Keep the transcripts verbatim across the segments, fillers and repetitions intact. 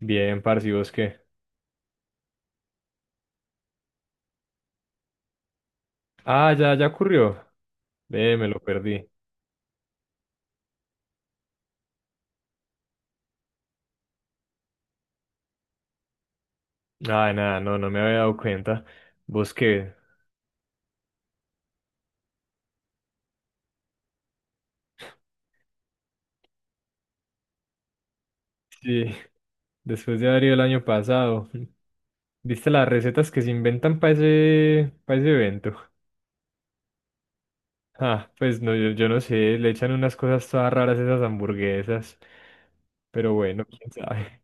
Bien, parce, ¿y vos qué? Ah, ya, ya ocurrió. Eh, me lo perdí. Ah, nada, no, no me había dado cuenta. ¿Vos qué? Sí, después de haber ido el año pasado. ¿Viste las recetas que se inventan para ese, para ese evento? Ah, pues no, yo, yo no sé, le echan unas cosas todas raras a esas hamburguesas. Pero bueno, quién sabe.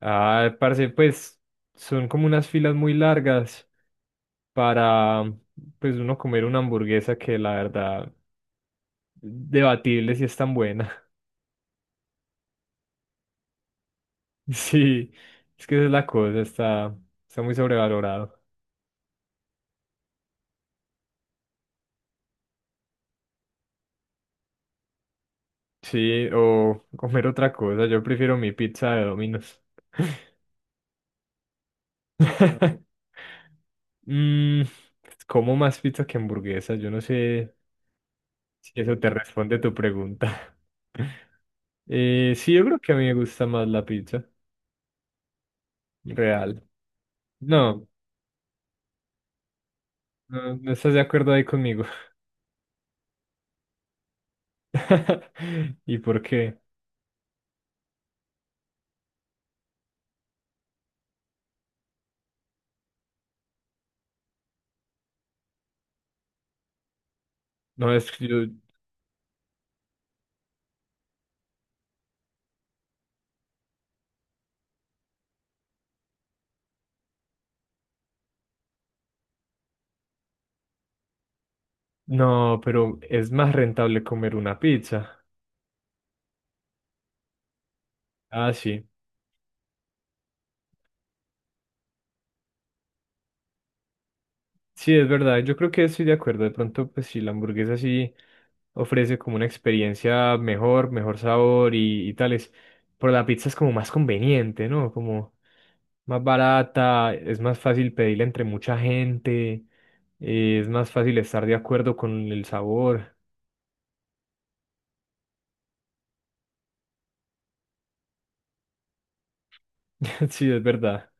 Ah, parce, pues son como unas filas muy largas para, pues uno comer una hamburguesa que la verdad debatible si es tan buena. Sí, es que esa es la cosa, está, está muy sobrevalorado. Sí, o comer otra cosa, yo prefiero mi pizza de Domino's. Mm, pues, como más pizza que hamburguesa, yo no sé si eso te responde tu pregunta. Eh, sí, yo creo que a mí me gusta más la pizza, real. No, no, no estás de acuerdo ahí conmigo. ¿Y por qué? No, es que yo, No, pero es más rentable comer una pizza. Ah, sí. Sí, es verdad. Yo creo que estoy de acuerdo. De pronto, pues sí, la hamburguesa sí ofrece como una experiencia mejor, mejor sabor y, y tales. Pero la pizza es como más conveniente, ¿no? Como más barata, es más fácil pedirla entre mucha gente, eh, es más fácil estar de acuerdo con el sabor. Sí, es verdad.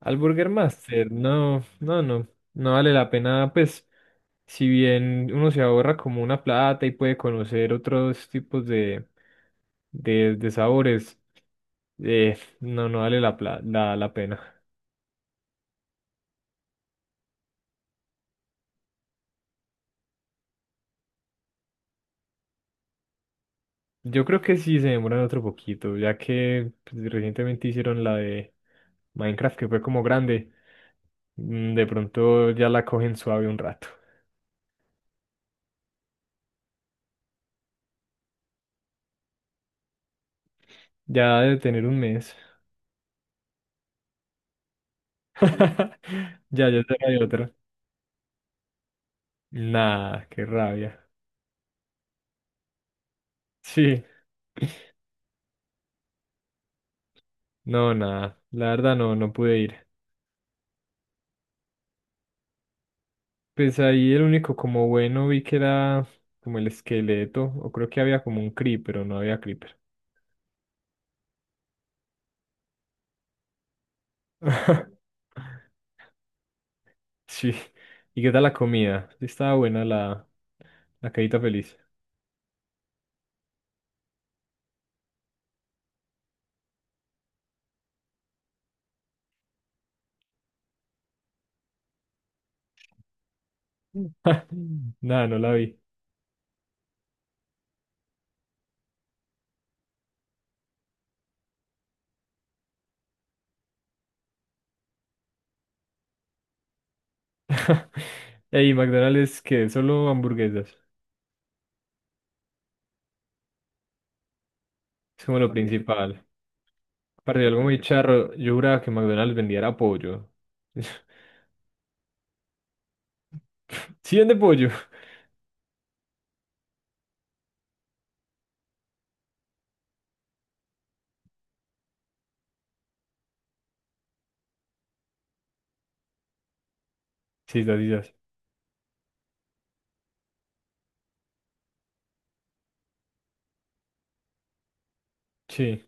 Al Burger Master, no, no, no, no vale la pena, pues, si bien uno se ahorra como una plata y puede conocer otros tipos de, de, de sabores, eh, no, no vale la, pla- la, la pena. Yo creo que sí se demoran otro poquito, ya que pues, recientemente hicieron la de Minecraft, que fue como grande, mm, de pronto ya la cogen suave un rato, ya de tener un mes, ya, ya será de otra. Nah, qué rabia. Sí, no, nada, la verdad no, no pude ir. Pues ahí el único como bueno vi que era como el esqueleto, o creo que había como un creep, pero no había creeper. Sí, ¿y qué tal la comida? Sí, estaba buena la, la cajita feliz. Mm. Nada, no la vi. Ey, McDonald's que solo hamburguesas, es como lo ok, principal. Aparte algo muy charro, yo juraba que McDonald's vendiera pollo. Sí vende pollo. Sí, sí, sí. Sí. Sí.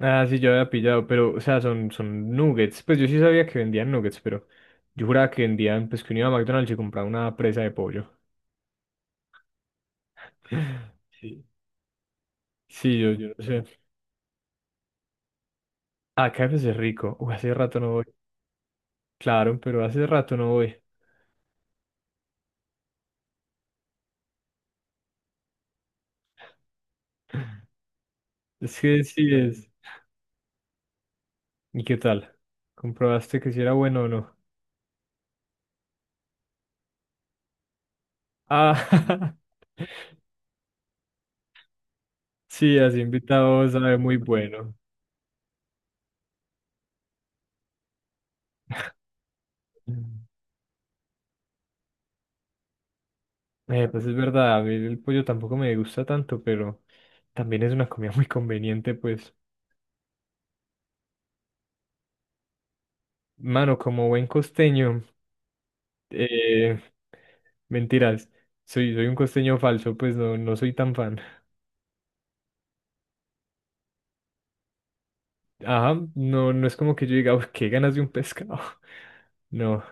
Ah, sí, yo había pillado, pero, o sea, son, son nuggets. Pues yo sí sabía que vendían nuggets, pero yo juraba que vendían, pues que uno iba a McDonald's y compraba una presa de pollo. Sí. Sí, yo, yo no sé. Ah, K F C es rico. Uy, hace rato no voy. Claro, pero hace rato no voy. Es que sí es. ¿Y qué tal? ¿Comprobaste que si era bueno o no? Ah, sí, así invitado sabe muy bueno. Eh, pues es verdad, a mí el pollo tampoco me gusta tanto, pero también es una comida muy conveniente, pues. Mano, como buen costeño, eh, mentiras, soy, soy un costeño falso, pues no, no soy tan fan. Ajá, no, no es como que yo diga, "Uf, qué ganas de un pescado". No,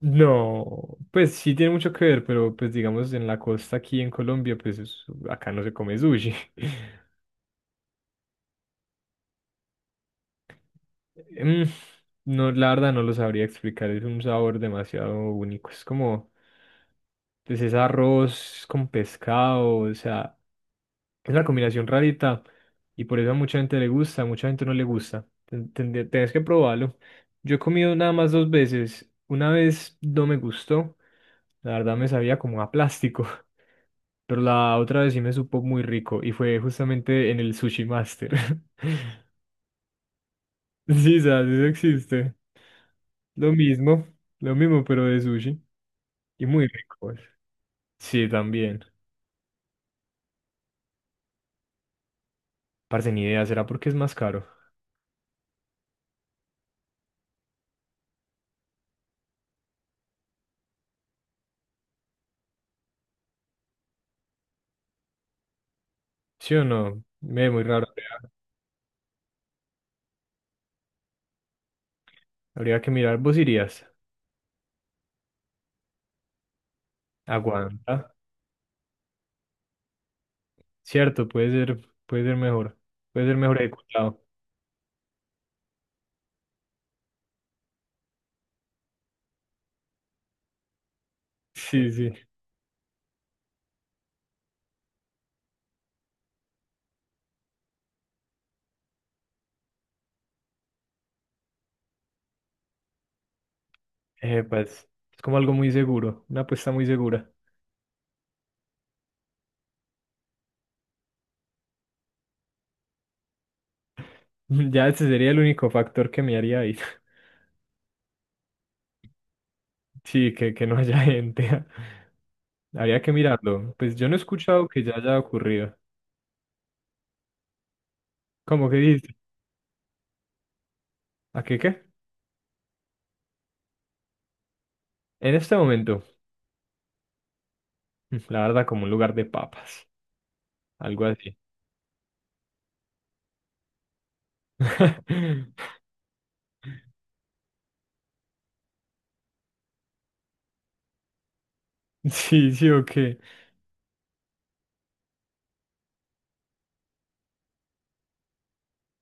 no, pues sí tiene mucho que ver, pero pues digamos en la costa aquí en Colombia, pues es- acá no se come sushi. Mm, no, la verdad no lo sabría explicar, es un sabor demasiado único, es como, pues es arroz con pescado, o sea... Es una combinación rarita y por eso a mucha gente le gusta, a mucha gente no le gusta. Ten- ten- Tenés que probarlo. Yo he comido nada más dos veces. Una vez no me gustó, la verdad me sabía como a plástico, pero la otra vez sí me supo muy rico y fue justamente en el Sushi Master. Sí, sabes, eso existe. Lo mismo, lo mismo, pero de sushi y muy rico, pues. Sí, también. Parce, ni idea, ¿será porque es más caro? ¿Sí o no? Me ve muy raro. Habría que mirar, ¿vos irías? Aguanta. Cierto, puede ser, puede ser mejor. Puede ser mejor ejecutado. Sí, sí. Eh, pues, es como algo muy seguro, una apuesta muy segura. Ya ese sería el único factor que me haría ir. Sí, que, que no haya gente. Habría que mirarlo. Pues yo no he escuchado que ya haya ocurrido. ¿Cómo que dices? ¿A qué qué? En este momento, mm, la verdad, como un lugar de papas. Algo así. Sí, ok, sí, o qué.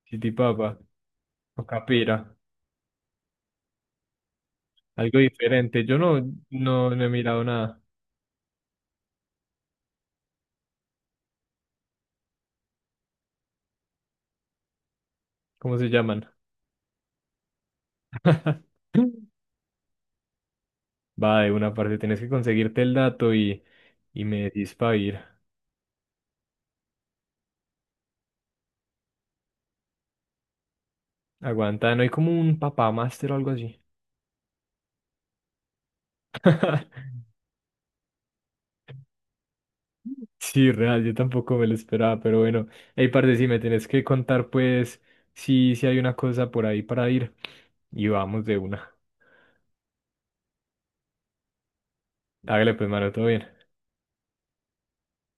Chitipapa. O capira. Algo diferente. Yo no, no, no he mirado nada. ¿Cómo se llaman? Va, de una parte tienes que conseguirte el dato y, y me decís para ir. Aguanta, no hay como un papá máster o algo así. Sí, real, yo tampoco me lo esperaba, pero bueno. Hey, parce, si me tenés que contar, pues, si, si hay una cosa por ahí para ir. Y vamos de una. Hágale, pues, mano, todo bien.